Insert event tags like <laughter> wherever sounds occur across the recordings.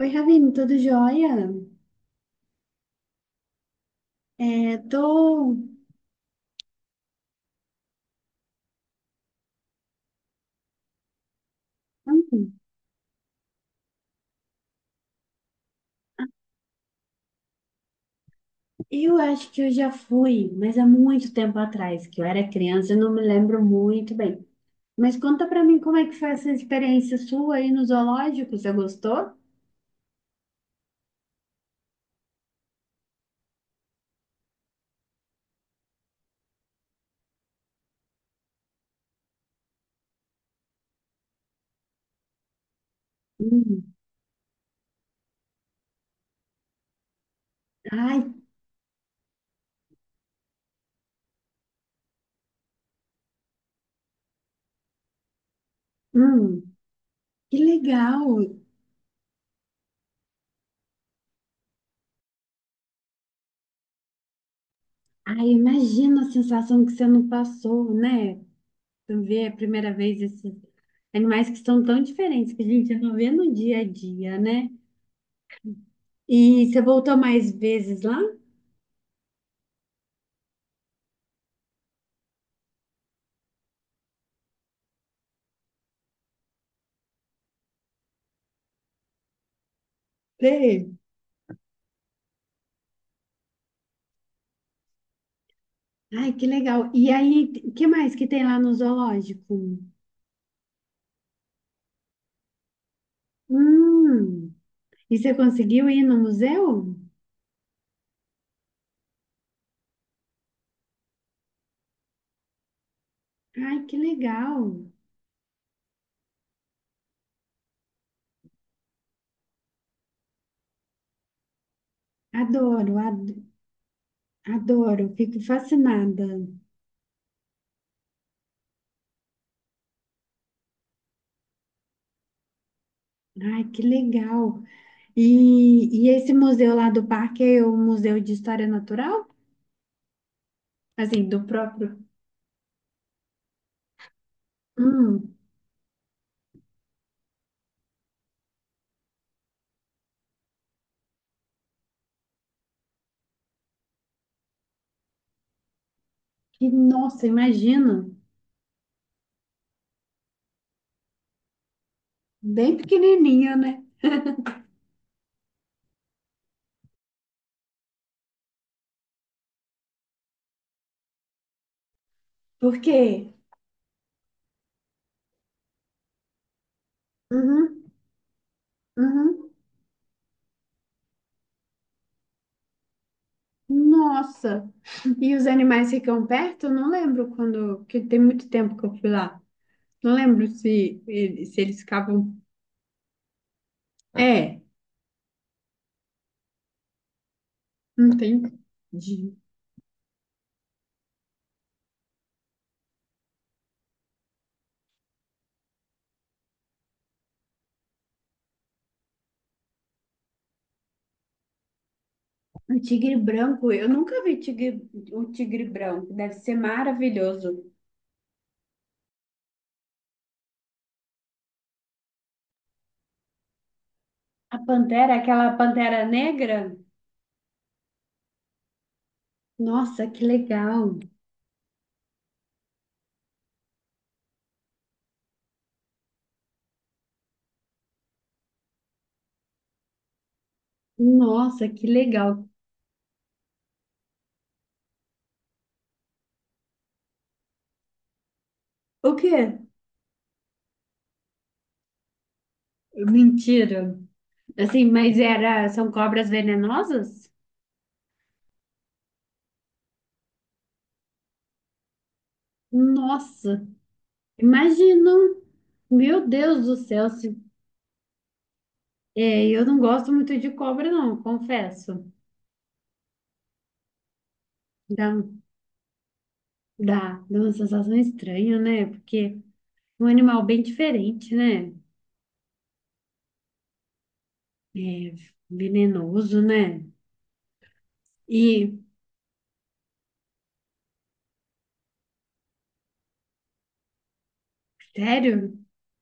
Oi, Ravine, tudo jóia? É, tô... hum, Eu acho que eu já fui, mas há muito tempo atrás, que eu era criança, eu não me lembro muito bem. Mas conta pra mim como é que foi essa experiência sua aí no zoológico, você gostou? Hum. Ai. Hum, que legal! Ai, imagina a sensação que você não passou, né? Você ver a primeira vez esses animais que são tão diferentes que a gente não vê no dia a dia, né? E você voltou mais vezes lá? Sim. Ai, que legal. E aí, o que mais que tem lá no zoológico? Hum, e você conseguiu ir no museu? Ai, que legal. Adoro, ad- adoro, fico fascinada. Ai, que legal. E esse museu lá do parque é o Museu de História Natural? Assim, do próprio. Hum, que nossa, imagino. Bem pequenininho, né? Por quê? Uhum, uhum. Nossa. E os animais ficam perto? Eu não lembro quando, porque tem muito tempo que eu fui lá. Não lembro se eles ficavam. É, não tem. de- O tigre branco, eu nunca vi tigre, o tigre branco, deve ser maravilhoso. A pantera, aquela pantera negra? Nossa, que legal! Nossa, que legal! O quê? Mentira! Assim, mas era, são cobras venenosas? Nossa, imagina! Meu Deus do céu, se É, eu não gosto muito de cobra, não, confesso. Dá, dá uma sensação estranha, né? Porque é um animal bem diferente, né? É venenoso, né? E, sério?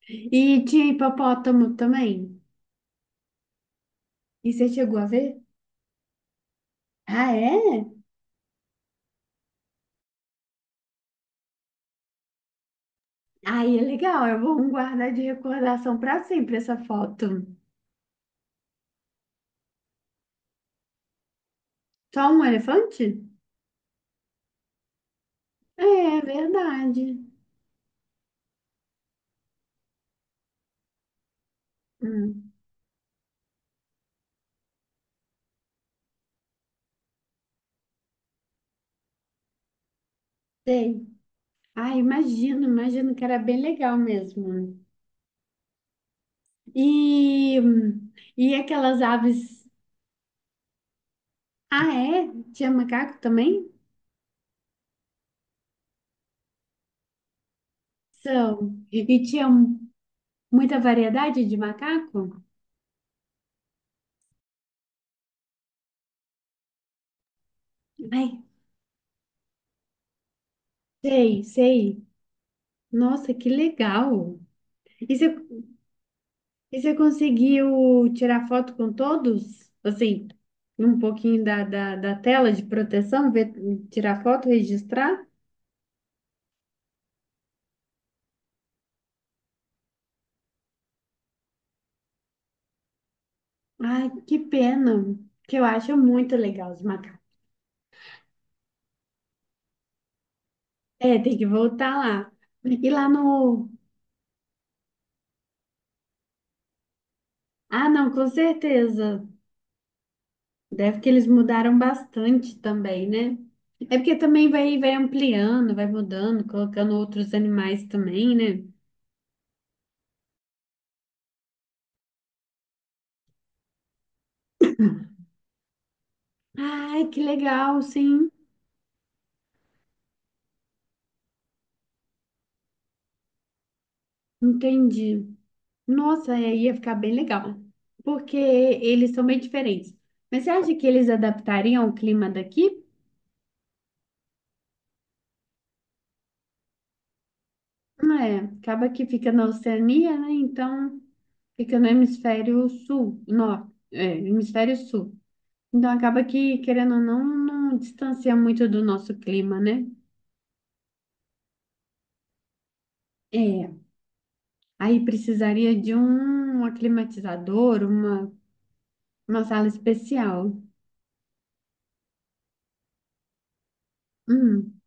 E tinha hipopótamo também. E você chegou a ver? Ah, é? Aí é legal, eu vou guardar de recordação para sempre essa foto. Só um elefante? É, é verdade. Hum, sei. Ah, imagino, imagino que era bem legal mesmo. E, e aquelas aves. Ah, é? Tinha macaco também? São. E tinha muita variedade de macaco? Ai, sei, sei. Nossa, que legal. E você, e você conseguiu tirar foto com todos? Assim, um pouquinho da tela de proteção, ver, tirar foto, registrar? Ai, que pena. Que eu acho muito legal os macacos. É, tem que voltar lá. E lá no, Ah, não, com certeza. Deve que eles mudaram bastante também, né? É porque também vai ampliando, vai mudando, colocando outros animais também, né? Ai, que legal, sim. Entendi. Nossa, é, ia ficar bem legal. Porque eles são bem diferentes. Mas você acha que eles adaptariam o clima daqui? Não é. Acaba que fica na Oceania, né? Então fica no hemisfério sul. Não, é, hemisfério sul. Então acaba que, querendo ou não, não distancia muito do nosso clima, né? É. Aí precisaria de um aclimatizador, uma sala especial. Hum,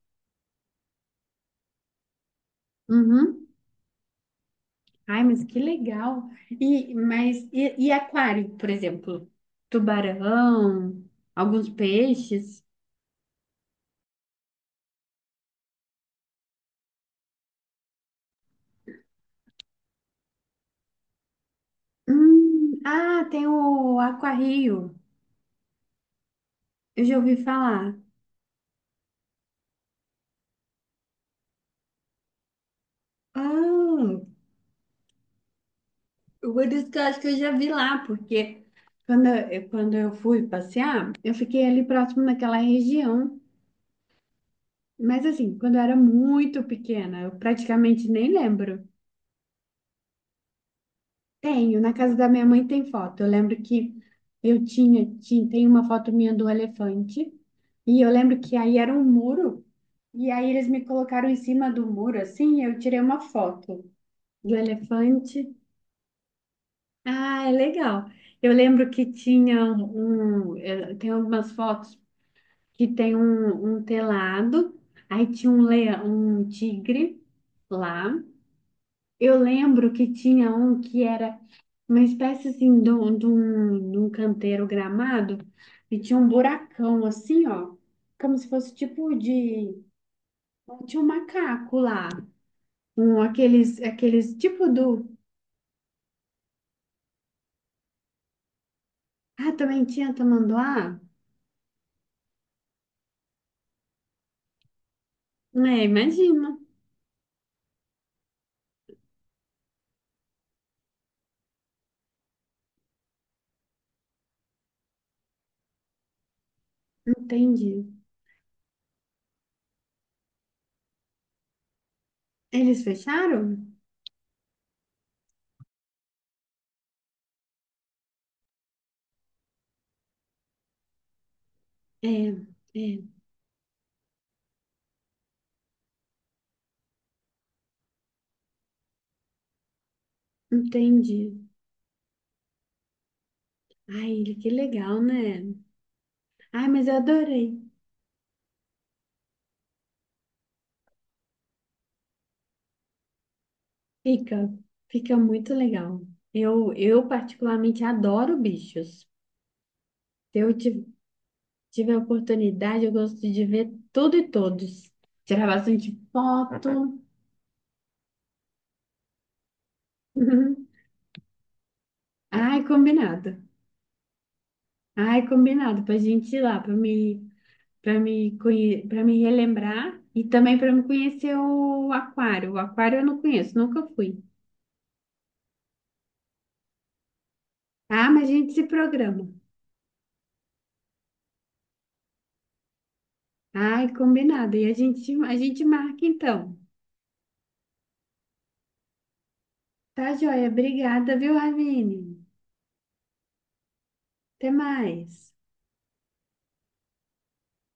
uhum. Ai, mas que legal. E aquário, por exemplo? Tubarão, alguns peixes. Ah, tem o aquarrio. Eu já ouvi falar. Ah, por isso que eu acho que eu já vi lá, porque quando eu fui passear, eu fiquei ali próximo naquela região. Mas assim, quando eu era muito pequena, eu praticamente nem lembro. Tenho, na casa da minha mãe tem foto. Eu lembro que tem uma foto minha do elefante, e eu lembro que aí era um muro, e aí eles me colocaram em cima do muro, assim, e eu tirei uma foto do elefante. Ah, é legal. Eu lembro que tinha tem algumas fotos que tem um telado, aí tinha um leão, um tigre lá. Eu lembro que tinha um que era uma espécie assim de um canteiro gramado e tinha um buracão assim, ó, como se fosse tinha um macaco lá, um aqueles tipo do, ah, também tinha tamanduá? É, imagina. Entendi. Eles fecharam? É, é, entendi. Ai, que legal, né? Ai, mas eu adorei. Fica, fica muito legal. Eu particularmente adoro bichos. Se eu ti- tiver oportunidade, eu gosto de ver tudo e todos. Tirar bastante foto. <laughs> Uhum. Ai, combinado. Ai, combinado pra gente ir lá, para me, pra me relembrar e também para me conhecer o aquário. O aquário eu não conheço, nunca fui. Ah, mas a gente se programa. Ai, combinado. E a gente marca então. Tá, joia? Obrigada, viu, Ravine? Até mais.